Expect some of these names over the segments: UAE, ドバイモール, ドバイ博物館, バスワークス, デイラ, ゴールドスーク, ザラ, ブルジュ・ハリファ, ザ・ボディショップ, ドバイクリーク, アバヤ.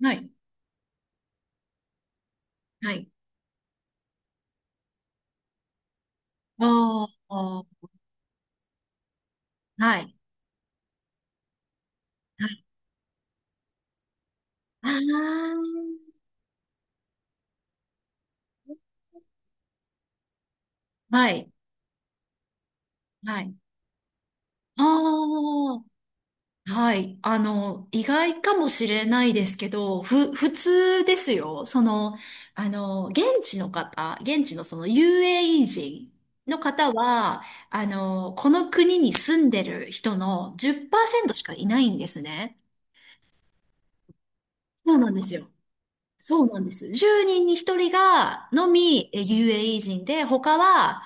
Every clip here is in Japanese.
はい。はい。ああはい。はい。ああ、はい。はい。ああ、はい。意外かもしれないですけど、普通ですよ。現地の方、現地のその UAE 人の方は、この国に住んでる人の10%しかいないんですね。そうなんですよ。そうなんです。10人に1人がのみえ UAE 人で、他は、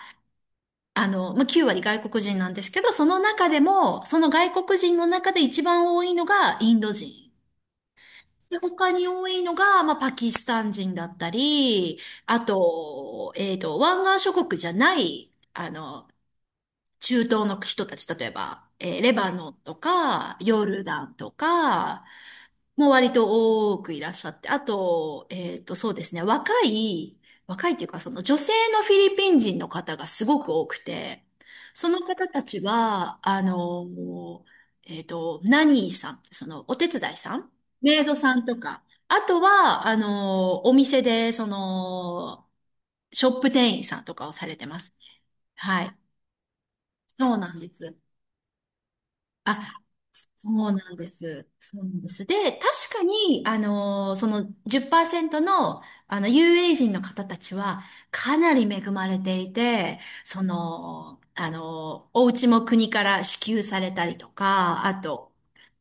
9割外国人なんですけど、その中でも、その外国人の中で一番多いのがインド人。で、他に多いのが、まあ、パキスタン人だったり、あと、湾岸諸国じゃない、中東の人たち、例えば、レバノンとか、ヨルダンとか、もう割と多くいらっしゃって、あと、そうですね、若いというか、その女性のフィリピン人の方がすごく多くて、その方たちは、ナニーさん、そのお手伝いさん、メイドさんとか、あとは、お店で、ショップ店員さんとかをされてますね。はい。そうなんです。あ、そうなんです。そうなんです。で、確かに、その10%の、有名人の方たちは、かなり恵まれていて、その、お家も国から支給されたりとか、あと、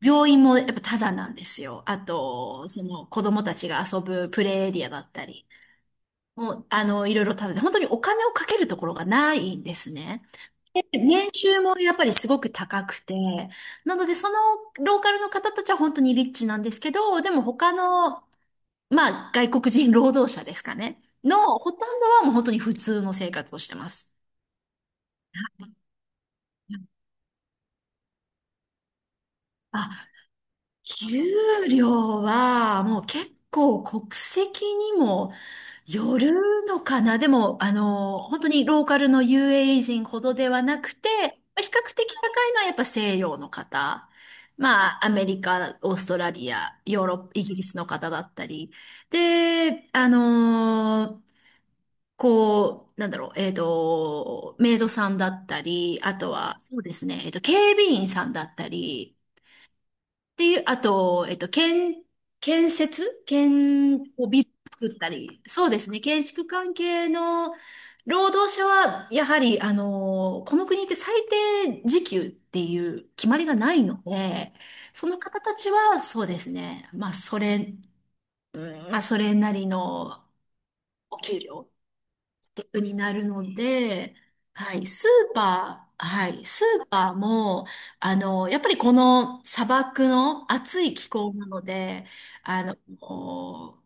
病院もやっぱタダなんですよ。あと、その、子供たちが遊ぶプレイエリアだったり、もう、いろいろタダで、本当にお金をかけるところがないんですね。年収もやっぱりすごく高くて、なのでそのローカルの方たちは本当にリッチなんですけど、でも他の、まあ外国人労働者ですかね、のほとんどはもう本当に普通の生活をしてます。あ、給料はもう結構国籍にも寄るのかなでも、本当にローカルの UAE 人ほどではなくて、まあ比較的高いのはやっぱ西洋の方。まあ、アメリカ、オーストラリア、ヨーロッパ、イギリスの方だったり。で、こう、なんだろう、メイドさんだったり、あとは、そうですね、警備員さんだったり、っていう、あと、建設建をビル作ったり、そうですね、建築関係の労働者は、やはり、この国って最低時給っていう決まりがないので、その方たちは、そうですね、まあ、それ、うんまあ、それなりのお給料プになるので、はい、スーパー、はい、スーパーも、やっぱりこの砂漠の暑い気候なので、あの、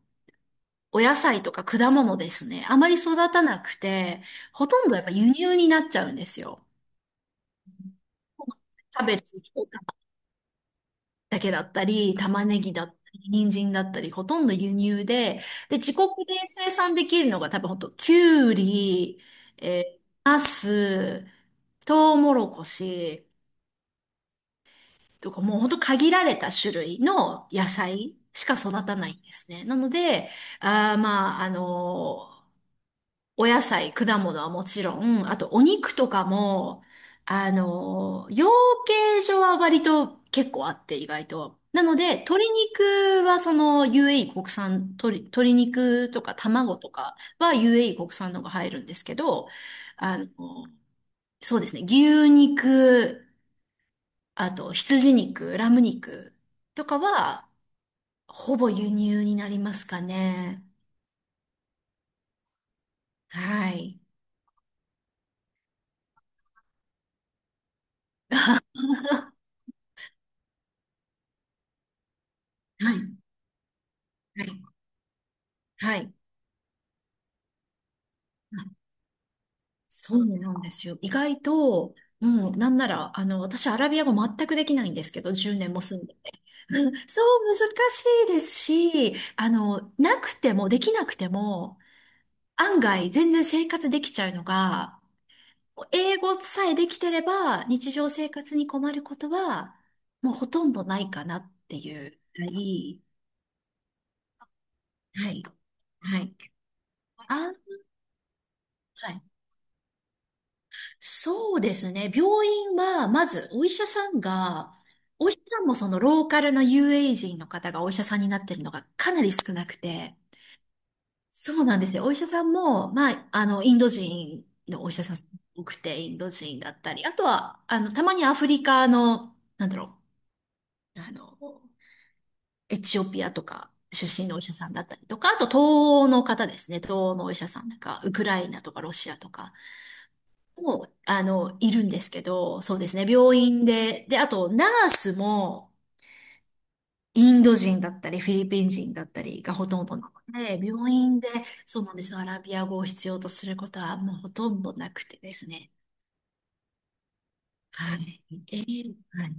お野菜とか果物ですね、あまり育たなくて、ほとんどやっぱ輸入になっちゃうんですよ。キャベツとかだけだったり、玉ねぎだったり、人参だったり、ほとんど輸入で、で、自国で生産できるのが多分ほんと、きゅうり、ナス、トウモロコシとかもうほんと限られた種類の野菜しか育たないんですね。なので、あーまあ、あのーお野菜、果物はもちろん、あとお肉とかも、養鶏場は割と結構あって意外と。なので、鶏肉はその UAE 国産、鶏肉とか卵とかは UAE 国産のが入るんですけど、あの、そうですね、牛肉、あと、羊肉、ラム肉とかは、ほぼ輸入になりますかね。はい。はい。はい。はい。あそうなんですよ。意外と、もう、なんなら、私、アラビア語全くできないんですけど、10年も住んでて。そう、難しいですし、なくても、できなくても、案外、全然生活できちゃうのが、英語さえできてれば、日常生活に困ることは、もうほとんどないかなっていう。はい。はい。はい。あ、はい。そうですね。病院は、まず、お医者さんもそのローカルの UA 人の方がお医者さんになってるのがかなり少なくて、そうなんですよ。お医者さんも、インド人のお医者さん多くて、インド人だったり、あとは、たまにアフリカの、う、あの、エチオピアとか出身のお医者さんだったりとか、あと東欧の方ですね。東欧のお医者さんなんか、ウクライナとかロシアとかも、いるんですけど、そうですね。病院で、で、あとナースも、インド人だったり、フィリピン人だったりがほとんどなので、病院で、そうなんですよ。アラビア語を必要とすることはもうほとんどなくてですね。はい。はい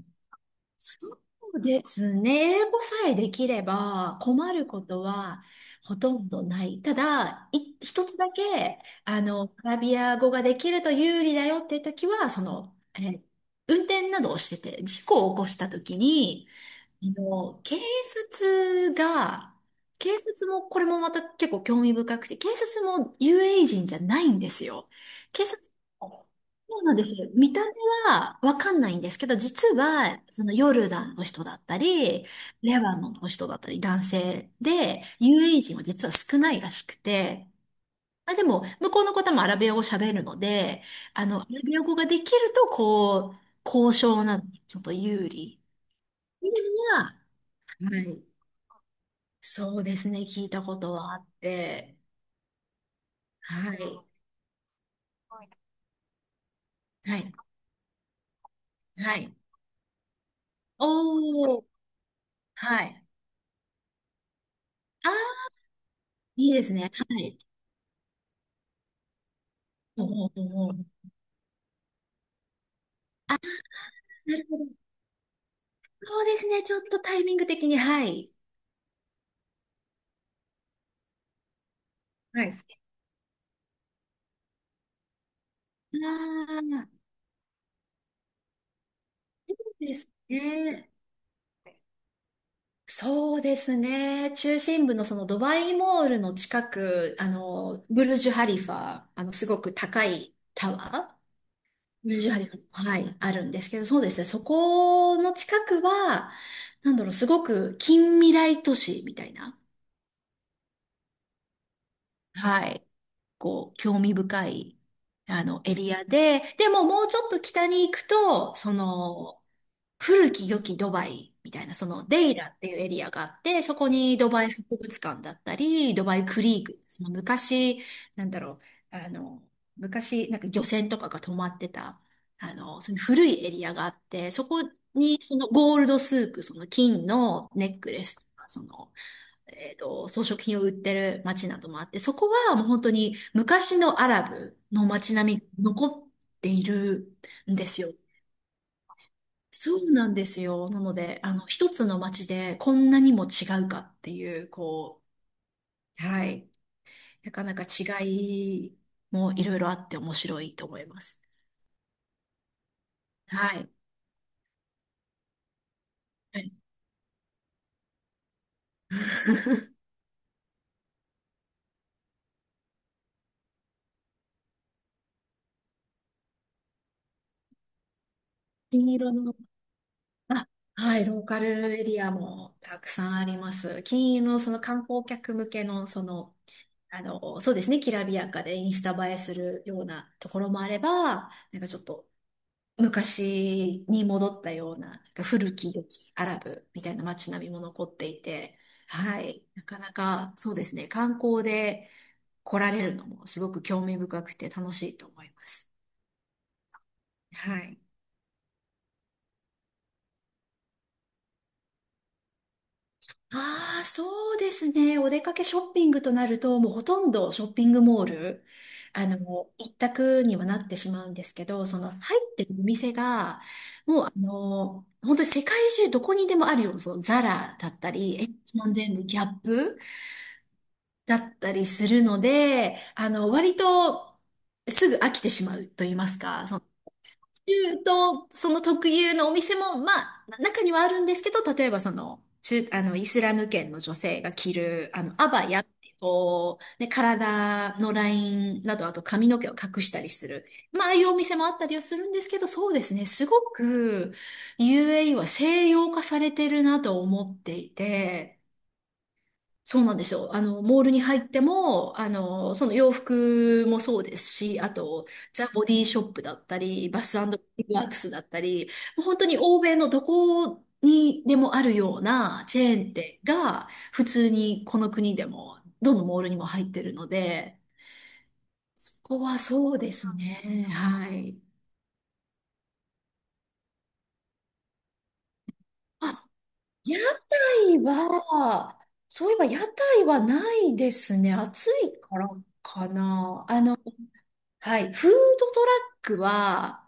そうですね。英語さえできれば困ることはほとんどない。ただ、一つだけ、アラビア語ができると有利だよっていう時は、その、運転などをしてて、事故を起こした時に、あの、警察が、警察も、これもまた結構興味深くて、警察もユー a e 人じゃないんですよ。警察、そうなんですよ。見た目はわかんないんですけど、実は、そのヨルダンの人だったり、レバノンの人だったり、男性で、ユー a e 人は実は少ないらしくて、あ、でも、向こうの方もアラビア語喋るので、アラビア語ができると、こう、交渉などにちょっと有利。っていうのは、はい。そうですね、聞いたことはあって、はい、はい、はい。おー、はい。あー、いいですね、はい。おーおーおーなるほど。そうですね、ちょっとタイミング的に、はい。はい。ああ、そうですね。そうですね。中心部のそのドバイモールの近く、ブルジュ・ハリファ、すごく高いタワー20針が、はい、あるんですけど、そうですね。そこの近くは、なんだろう、すごく近未来都市みたいな。はい。こう、興味深い、エリアで、でももうちょっと北に行くと、その、古き良きドバイみたいな、そのデイラっていうエリアがあって、そこにドバイ博物館だったり、ドバイクリーク、その昔、なんだろう、あの、昔、なんか漁船とかが止まってた、その古いエリアがあって、そこにそのゴールドスーク、その金のネックレスとか、その装飾品を売ってる街などもあって、そこはもう本当に昔のアラブの街並みが残っているんですよ。そうなんですよ。なので、一つの街でこんなにも違うかっていう、こう、はい。なかなか違いもいろいろあって面白いと思います。はい。はい 金色のあはい、ローカルエリアもたくさんあります。金融のその観光客向けの、そうですね、きらびやかでインスタ映えするようなところもあれば、なんかちょっと昔に戻ったような、なんか古き良きアラブみたいな街並みも残っていて、はい、なかなかそうですね、観光で来られるのもすごく興味深くて楽しいと思います。はい。ああ、そうですね。お出かけショッピングとなると、もうほとんどショッピングモール、あの、一択にはなってしまうんですけど、その入ってるお店が、もう本当に世界中どこにでもあるような、そのザラだったり、エッチンデンギャップだったりするので、割とすぐ飽きてしまうと言いますか、中東、その特有のお店も、まあ、中にはあるんですけど、例えばその、中、あの、イスラム圏の女性が着る、アバヤっていう、こう、ね、体のラインなど、あと髪の毛を隠したりする。まあ、ああいうお店もあったりはするんですけど、そうですね、すごく UAE は西洋化されてるなと思っていて、そうなんですよ。モールに入っても、その洋服もそうですし、あと、ザ・ボディショップだったり、バスワークスだったり、もう本当に欧米のどこにでもあるようなチェーン店が、普通にこの国でも、どのモールにも入ってるので、そこはそうですね。はい。あ、屋台は、そういえば屋台はないですね。暑いからかな。あはい。フードトラックは、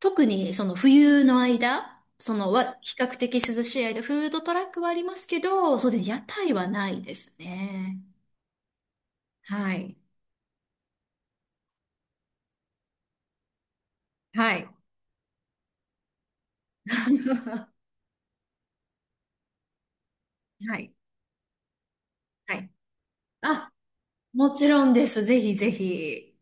特にその冬の間、その比較的涼しい間、フードトラックはありますけど、そうです。屋台はないですね。はい。はい。はい。はい。あ、もちろんです。ぜひぜひ。